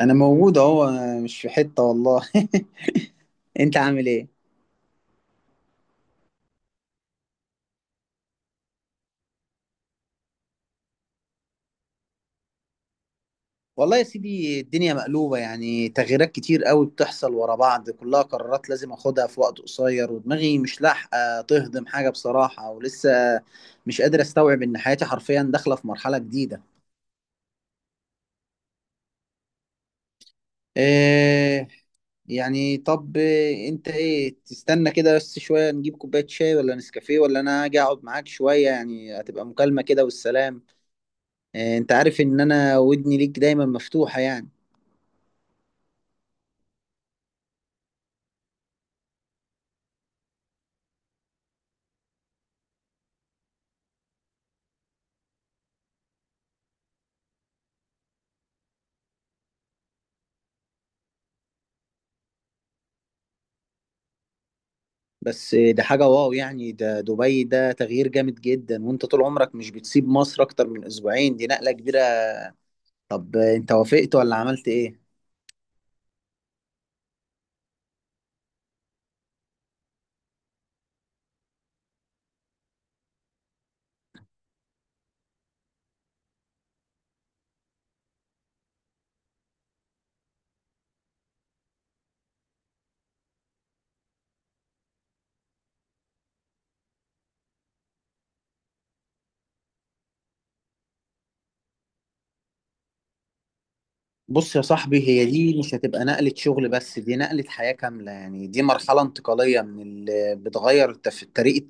انا موجود اهو. أنا مش في حتة والله. انت عامل ايه؟ والله يا سيدي الدنيا مقلوبة، يعني تغييرات كتير قوي بتحصل ورا بعض، كلها قرارات لازم اخدها في وقت قصير، ودماغي مش لاحقة تهضم حاجة بصراحة، ولسه مش قادر استوعب ان حياتي حرفيا داخلة في مرحلة جديدة. إيه يعني طب، انت ايه تستنى كده بس شوية نجيب كوباية شاي ولا نسكافيه ولا انا اجي اقعد معاك شوية؟ يعني هتبقى مكالمة كده والسلام. إيه، انت عارف ان انا ودني ليك دايما مفتوحة يعني. بس ده حاجة واو يعني، ده دبي، ده تغيير جامد جدا، وانت طول عمرك مش بتسيب مصر اكتر من اسبوعين، دي نقلة كبيرة. طب انت وافقت ولا عملت ايه؟ بص يا صاحبي، هي دي مش هتبقى نقلة شغل بس، دي نقلة حياة كاملة، يعني دي مرحلة انتقالية من اللي بتغير طريقة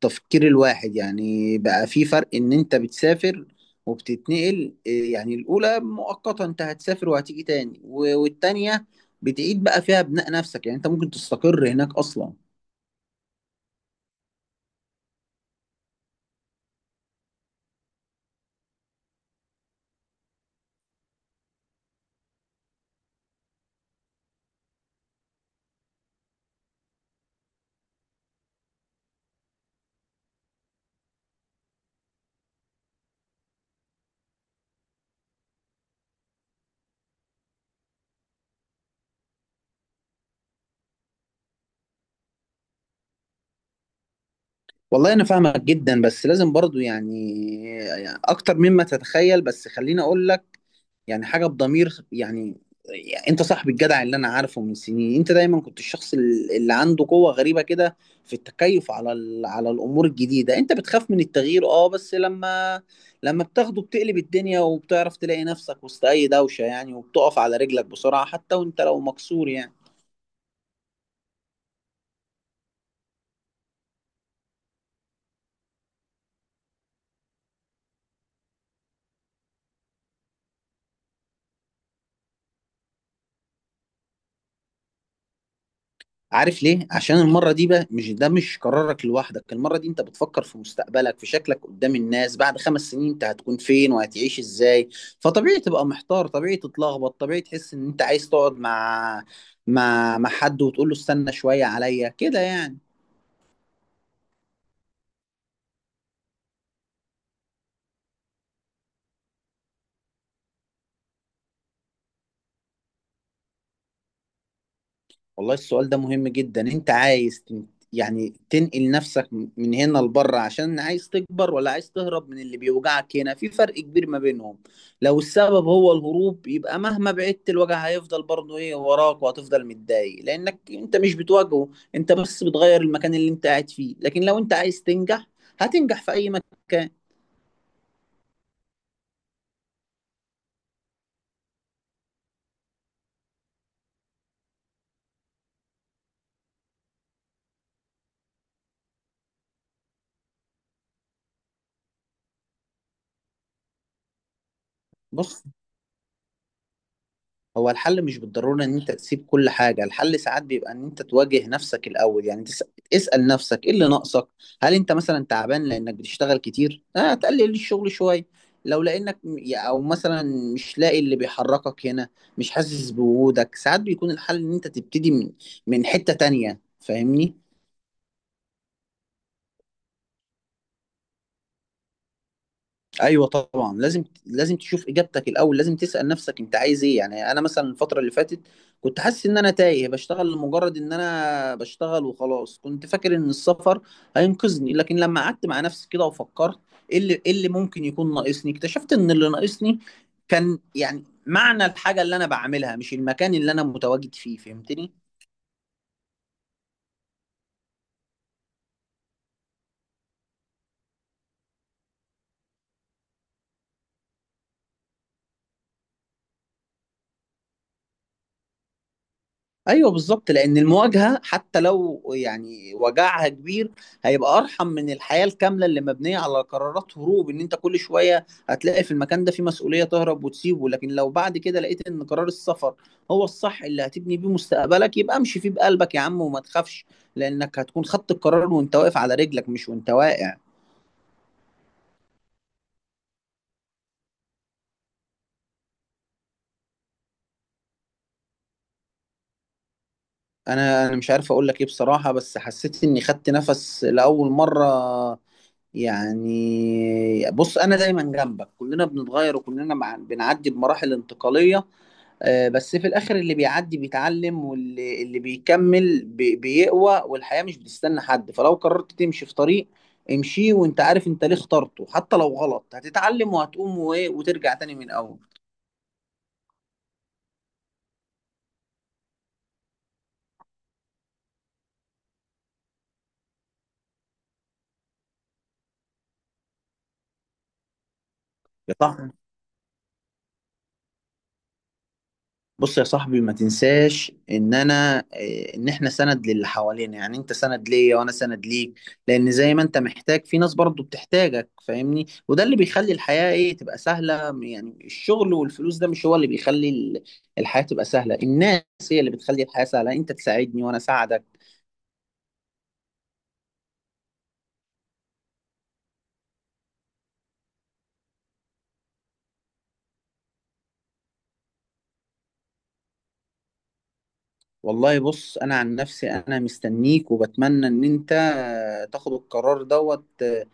تفكير الواحد، يعني بقى في فرق ان انت بتسافر وبتتنقل. إيه يعني الاولى مؤقتا، انت هتسافر وهتيجي تاني، والتانية بتعيد بقى فيها بناء نفسك، يعني انت ممكن تستقر هناك اصلا. والله انا فاهمك جدا بس لازم برضو يعني، يعني اكتر مما تتخيل، بس خليني اقول لك يعني حاجه بضمير يعني. يعني انت صاحب الجدع اللي انا عارفه من سنين، انت دايما كنت الشخص اللي عنده قوه غريبه كده في التكيف على الامور الجديده، انت بتخاف من التغيير اه، بس لما بتاخده بتقلب الدنيا وبتعرف تلاقي نفسك وسط اي دوشه، يعني وبتقف على رجلك بسرعه حتى وانت لو مكسور يعني. عارف ليه؟ عشان المرة دي بقى مش ده مش قرارك لوحدك، المرة دي انت بتفكر في مستقبلك، في شكلك قدام الناس، بعد 5 سنين انت هتكون فين وهتعيش ازاي؟ فطبيعي تبقى محتار، طبيعي تتلخبط، طبيعي تحس ان انت عايز تقعد مع مع حد وتقول له استنى شوية عليا، كده يعني. والله السؤال ده مهم جدا، انت عايز يعني تنقل نفسك من هنا لبره عشان عايز تكبر، ولا عايز تهرب من اللي بيوجعك هنا؟ في فرق كبير ما بينهم. لو السبب هو الهروب يبقى مهما بعدت الوجع هيفضل برضه ايه وراك، وهتفضل متضايق لانك انت مش بتواجهه، انت بس بتغير المكان اللي انت قاعد فيه. لكن لو انت عايز تنجح هتنجح في اي مكان. بص، هو الحل مش بالضرورة ان انت تسيب كل حاجة، الحل ساعات بيبقى ان انت تواجه نفسك الاول، يعني اسأل نفسك ايه اللي ناقصك. هل انت مثلا تعبان لانك بتشتغل كتير؟ اه تقلل الشغل شوية. لو لانك او مثلا مش لاقي اللي بيحركك هنا، مش حاسس بوجودك، ساعات بيكون الحل ان انت تبتدي من حتة تانية، فاهمني؟ ايوه طبعا لازم تشوف اجابتك الاول، لازم تسال نفسك انت عايز ايه. يعني انا مثلا الفتره اللي فاتت كنت حاسس ان انا تايه، بشتغل لمجرد ان انا بشتغل وخلاص. كنت فاكر ان السفر هينقذني، لكن لما قعدت مع نفسي كده وفكرت ايه اللي ممكن يكون ناقصني اكتشفت ان اللي ناقصني كان يعني معنى الحاجه اللي انا بعملها، مش المكان اللي انا متواجد فيه، فهمتني؟ ايوه بالظبط، لان المواجهه حتى لو يعني وجعها كبير هيبقى ارحم من الحياه الكامله اللي مبنيه على قرارات هروب، ان انت كل شويه هتلاقي في المكان ده في مسؤوليه تهرب وتسيبه. لكن لو بعد كده لقيت ان قرار السفر هو الصح اللي هتبني بيه مستقبلك يبقى امشي فيه بقلبك يا عم، وما تخافش. لانك هتكون خدت القرار وانت واقف على رجلك، مش وانت واقع. انا مش عارف اقول لك ايه بصراحه، بس حسيت اني خدت نفس لاول مره. يعني بص انا دايما جنبك، كلنا بنتغير وكلنا مع بنعدي بمراحل انتقاليه، بس في الاخر اللي بيعدي بيتعلم، واللي بيكمل بيقوى، والحياه مش بتستنى حد. فلو قررت تمشي في طريق امشي وانت عارف انت ليه اخترته. حتى لو غلط هتتعلم وهتقوم وترجع تاني من الاول. يا صح. بص يا صاحبي ما تنساش ان انا إيه، ان احنا سند للي حوالينا، يعني انت سند ليا وانا سند ليك. لان زي ما انت محتاج في ناس برضو بتحتاجك فاهمني، وده اللي بيخلي الحياة تبقى سهلة. يعني الشغل والفلوس ده مش هو اللي بيخلي الحياة تبقى سهلة، الناس هي اللي بتخلي الحياة سهلة، انت تساعدني وانا اساعدك. والله بص انا عن نفسي انا مستنيك، وبتمنى ان انت تاخد القرار دوت آه،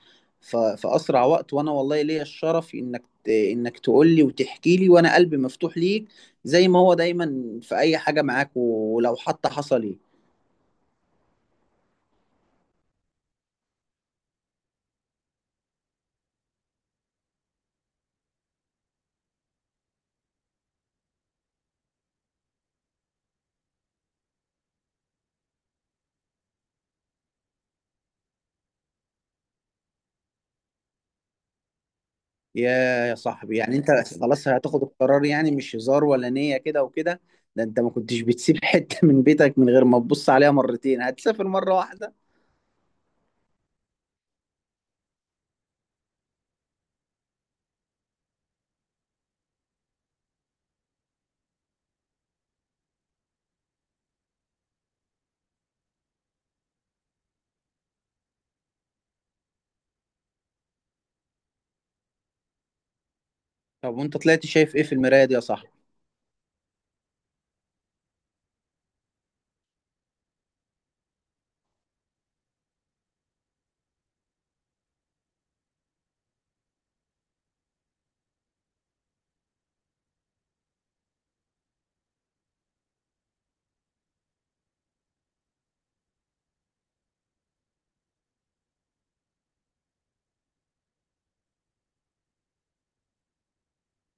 ف- في اسرع وقت، وانا والله ليا الشرف انك انك تقول لي وتحكي لي، وانا قلبي مفتوح ليك زي ما هو دايما في اي حاجة معاك ولو حتى حصل ايه. يا يا صاحبي يعني انت خلاص هتاخد القرار يعني، مش هزار ولا نية كده وكده. ده انت ما كنتش بتسيب حتة من بيتك من غير ما تبص عليها مرتين، هتسافر مرة واحدة؟ طب وانت طلعت شايف ايه في المراية دي يا صاحبي؟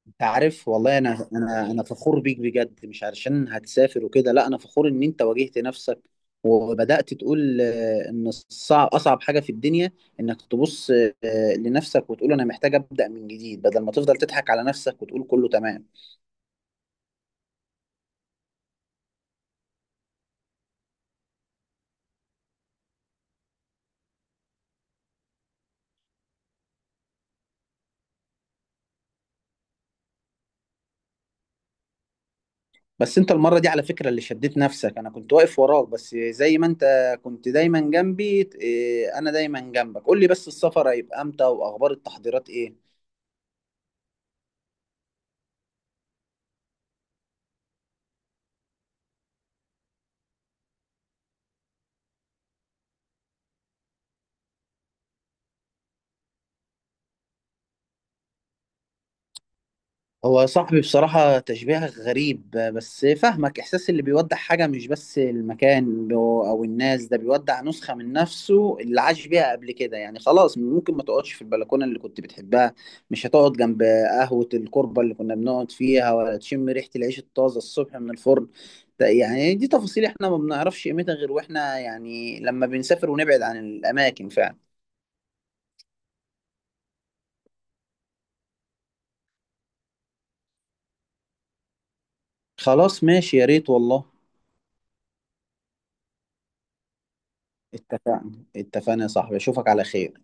انت عارف والله، انا فخور بيك بجد، مش علشان هتسافر وكده، لا انا فخور ان انت واجهت نفسك وبدأت تقول ان الصعب اصعب حاجة في الدنيا انك تبص لنفسك وتقول انا محتاج أبدأ من جديد، بدل ما تفضل تضحك على نفسك وتقول كله تمام. بس انت المرة دي على فكرة اللي شديت نفسك، انا كنت واقف وراك بس، زي ما انت كنت دايما جنبي. انا دايما جنبك، قول لي بس السفر هيبقى امتى؟ واخبار التحضيرات ايه؟ هو صاحبي بصراحة تشبيه غريب بس فاهمك، إحساس اللي بيودع حاجة مش بس المكان أو الناس، ده بيودع نسخة من نفسه اللي عاش بيها قبل كده. يعني خلاص ممكن ما تقعدش في البلكونة اللي كنت بتحبها، مش هتقعد جنب قهوة الكربة اللي كنا بنقعد فيها، ولا تشم ريحة العيش الطازة الصبح من الفرن. ده يعني دي تفاصيل إحنا ما بنعرفش قيمتها غير وإحنا يعني لما بنسافر ونبعد عن الأماكن فعلا. خلاص ماشي، يا ريت والله. اتفق- اتفقنا يا صاحبي، أشوفك على خير.